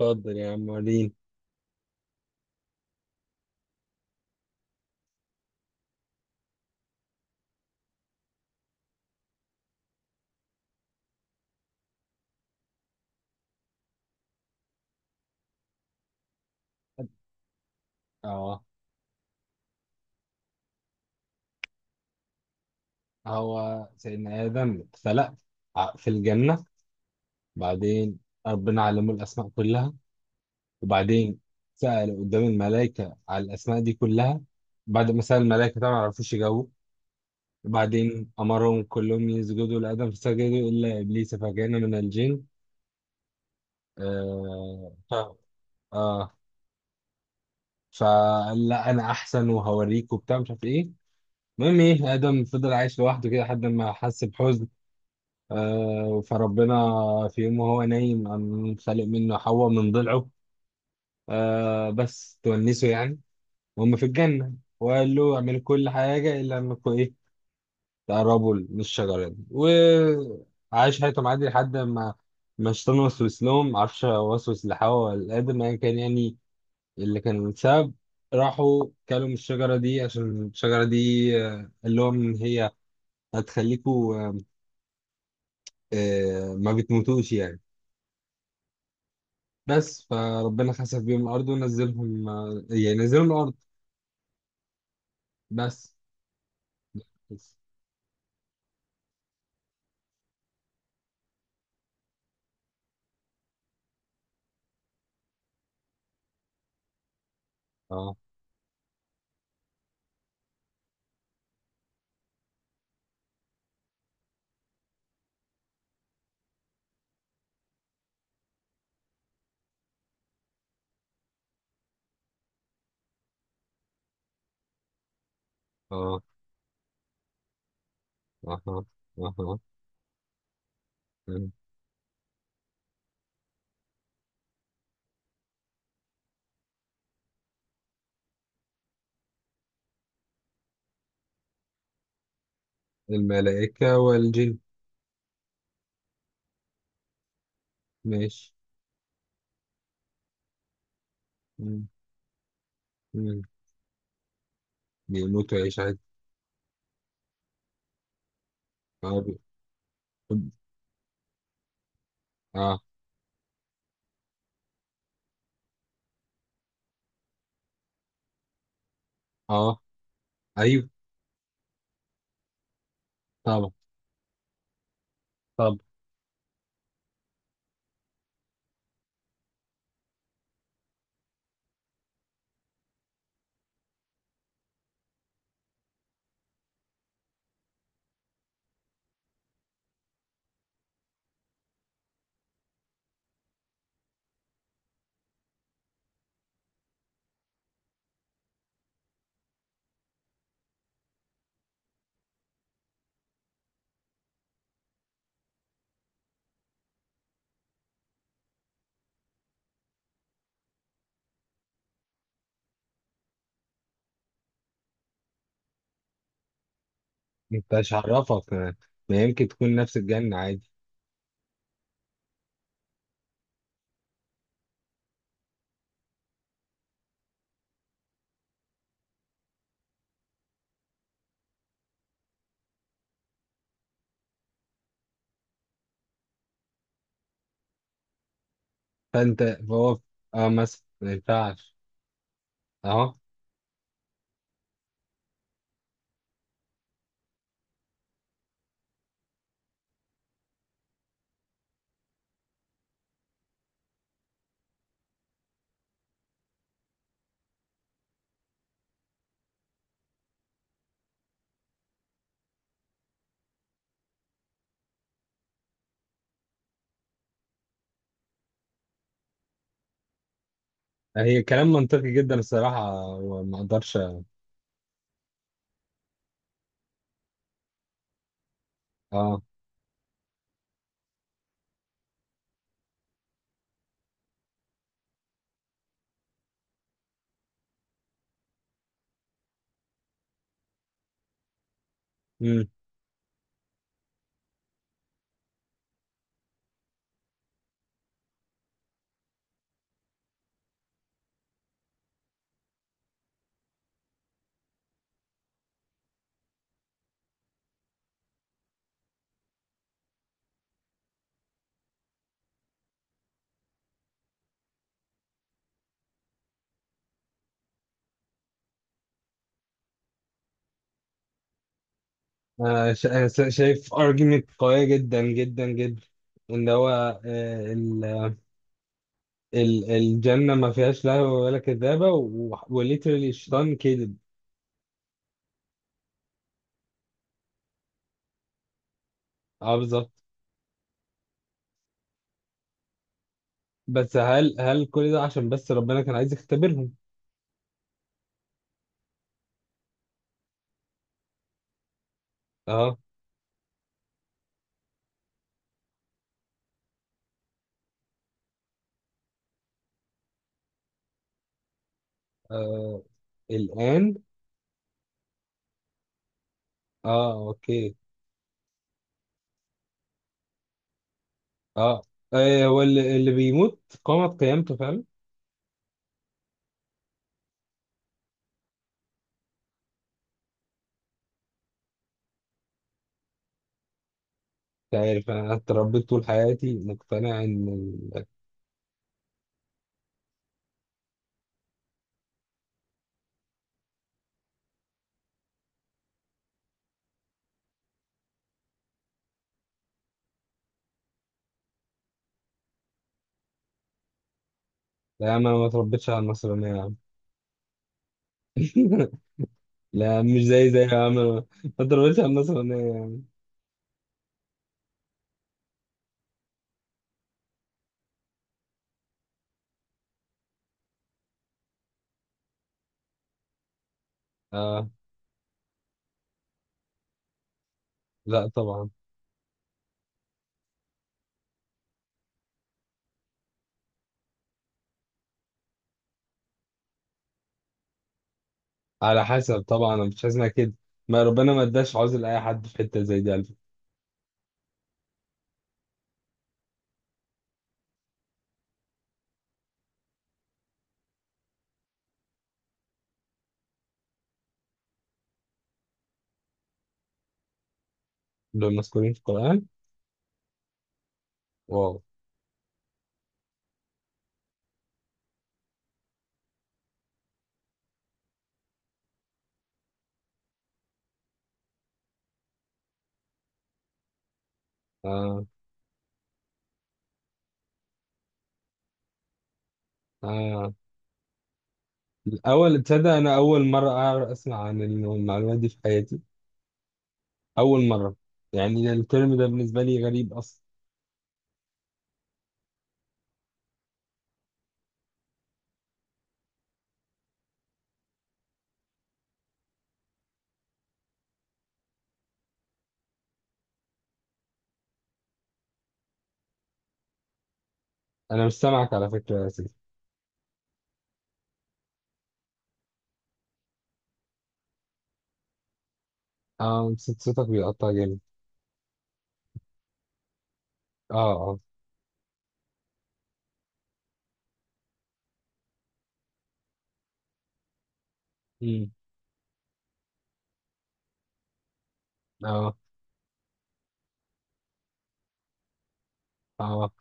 اتفضل يا عم وريني. اه، هو سيدنا آدم اتخلق في الجنة. بعدين ربنا علمه الأسماء كلها، وبعدين سأل قدام الملائكة على الأسماء دي كلها. بعد ما سأل الملائكة طبعا ما عرفوش يجاوبوا. وبعدين أمرهم كلهم يسجدوا لآدم فسجدوا إلا إبليس فكان من الجن. آه ف... آه فقال لا أنا أحسن وهوريك وبتاع مش عارف إيه. المهم إيه، آدم فضل عايش لوحده كده لحد ما حس بحزن، فربنا في يوم وهو نايم قام خالق منه حواء من ضلعه، بس تونسه يعني، وهم في الجنة. وقال له اعمل كل حاجة إلا إنكم إيه، تقربوا من الشجرة دي. وعاش حياتهم عادي لحد ما ما الشيطان وسوس لهم، معرفش هو وسوس لحواء ولا لآدم أيا كان يعني اللي كان السبب. راحوا كلوا من الشجرة دي، عشان الشجرة دي قال لهم إن هي هتخليكوا ما بتموتوش يعني. بس فربنا خسف بيهم الارض ونزلهم، يعني نزلهم الارض. بس. بس. اه. اه. اه. اه. اه. آه. الملائكة والجن. ماشي. مم. مم. بيموتوا يعيش عادي. اه. اه. اه. ايوه، طبعا. طب انت مش هعرفك، ما يمكن تكون نفس الجنة عادي. فانت، فهو، اه مثلا ما ينفعش. اه. هي كلام منطقي جدا الصراحة، وما اقدرش. اه. شايف argument قوية جدا جدا جدا. ان هو آه، ال- الجنة ما فيهاش لهو ولا كذابة، وليترالي الشيطان كذب. اه، بالظبط. بس هل هل كل ده عشان بس ربنا كان عايز يختبرهم؟ اه آه. الآن. اه، اوكي. اه. هو اللي بيموت قامت قيامته فعلا. مش عارف، انا اتربيت طول حياتي مقتنع ان ال- لا، ما اتربيتش على النصرانية يا عم. لا، مش زي يا عم، ما تضربش على الناس اغنيه يعني. اه. لا طبعا. على حسب، طبعا انا مش عايزها كده. ما ربنا ما اداش عذر لاي حد في حته زي دي على فكرة. دول مذكورين في القران. واو. اه. اه. الاول تصدق، انا اول مره اعرف اسمع عن المعلومه دي في حياتي. اول مره. يعني الترم ده بالنسبه لي غريب اصلا. انا مش سامعك على فكره يا سيدي. اه، صوتك بيقطع جامد. اه. اه. امم. اه. اه.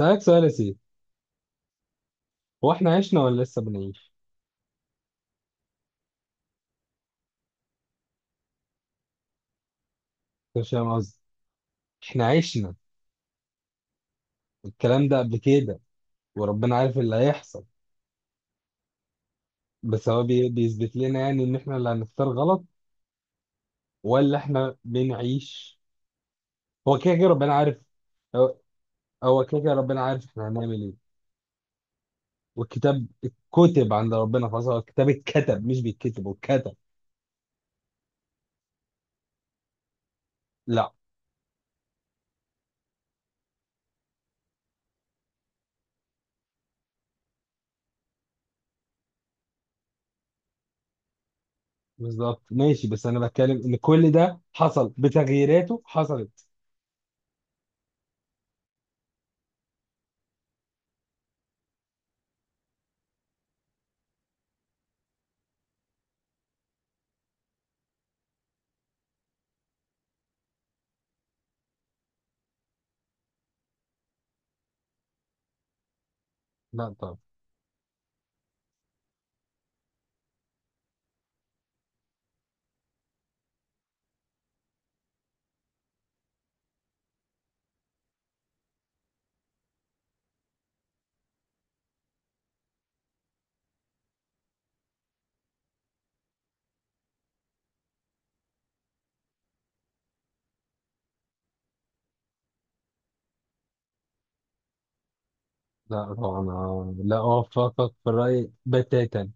اسالك سؤال يا سيدي. هو احنا عشنا ولا لسه بنعيش؟ مش فاهم قصدي. احنا عشنا الكلام ده قبل كده وربنا عارف اللي هيحصل؟ بس هو بيثبت لنا يعني ان احنا اللي هنختار غلط، ولا احنا بنعيش؟ هو كده كده ربنا عارف. هو، هو كده كده ربنا عارف احنا هنعمل ايه. والكتاب اتكتب عند ربنا خلاص، هو الكتاب اتكتب مش بيتكتب، هو اتكتب. لا، بالظبط، ماشي. بس انا بتكلم ان كل ده حصل، بتغييراته حصلت. لا طب. لا طبعا، أنا لا اوافقك في الرأي بتاتا.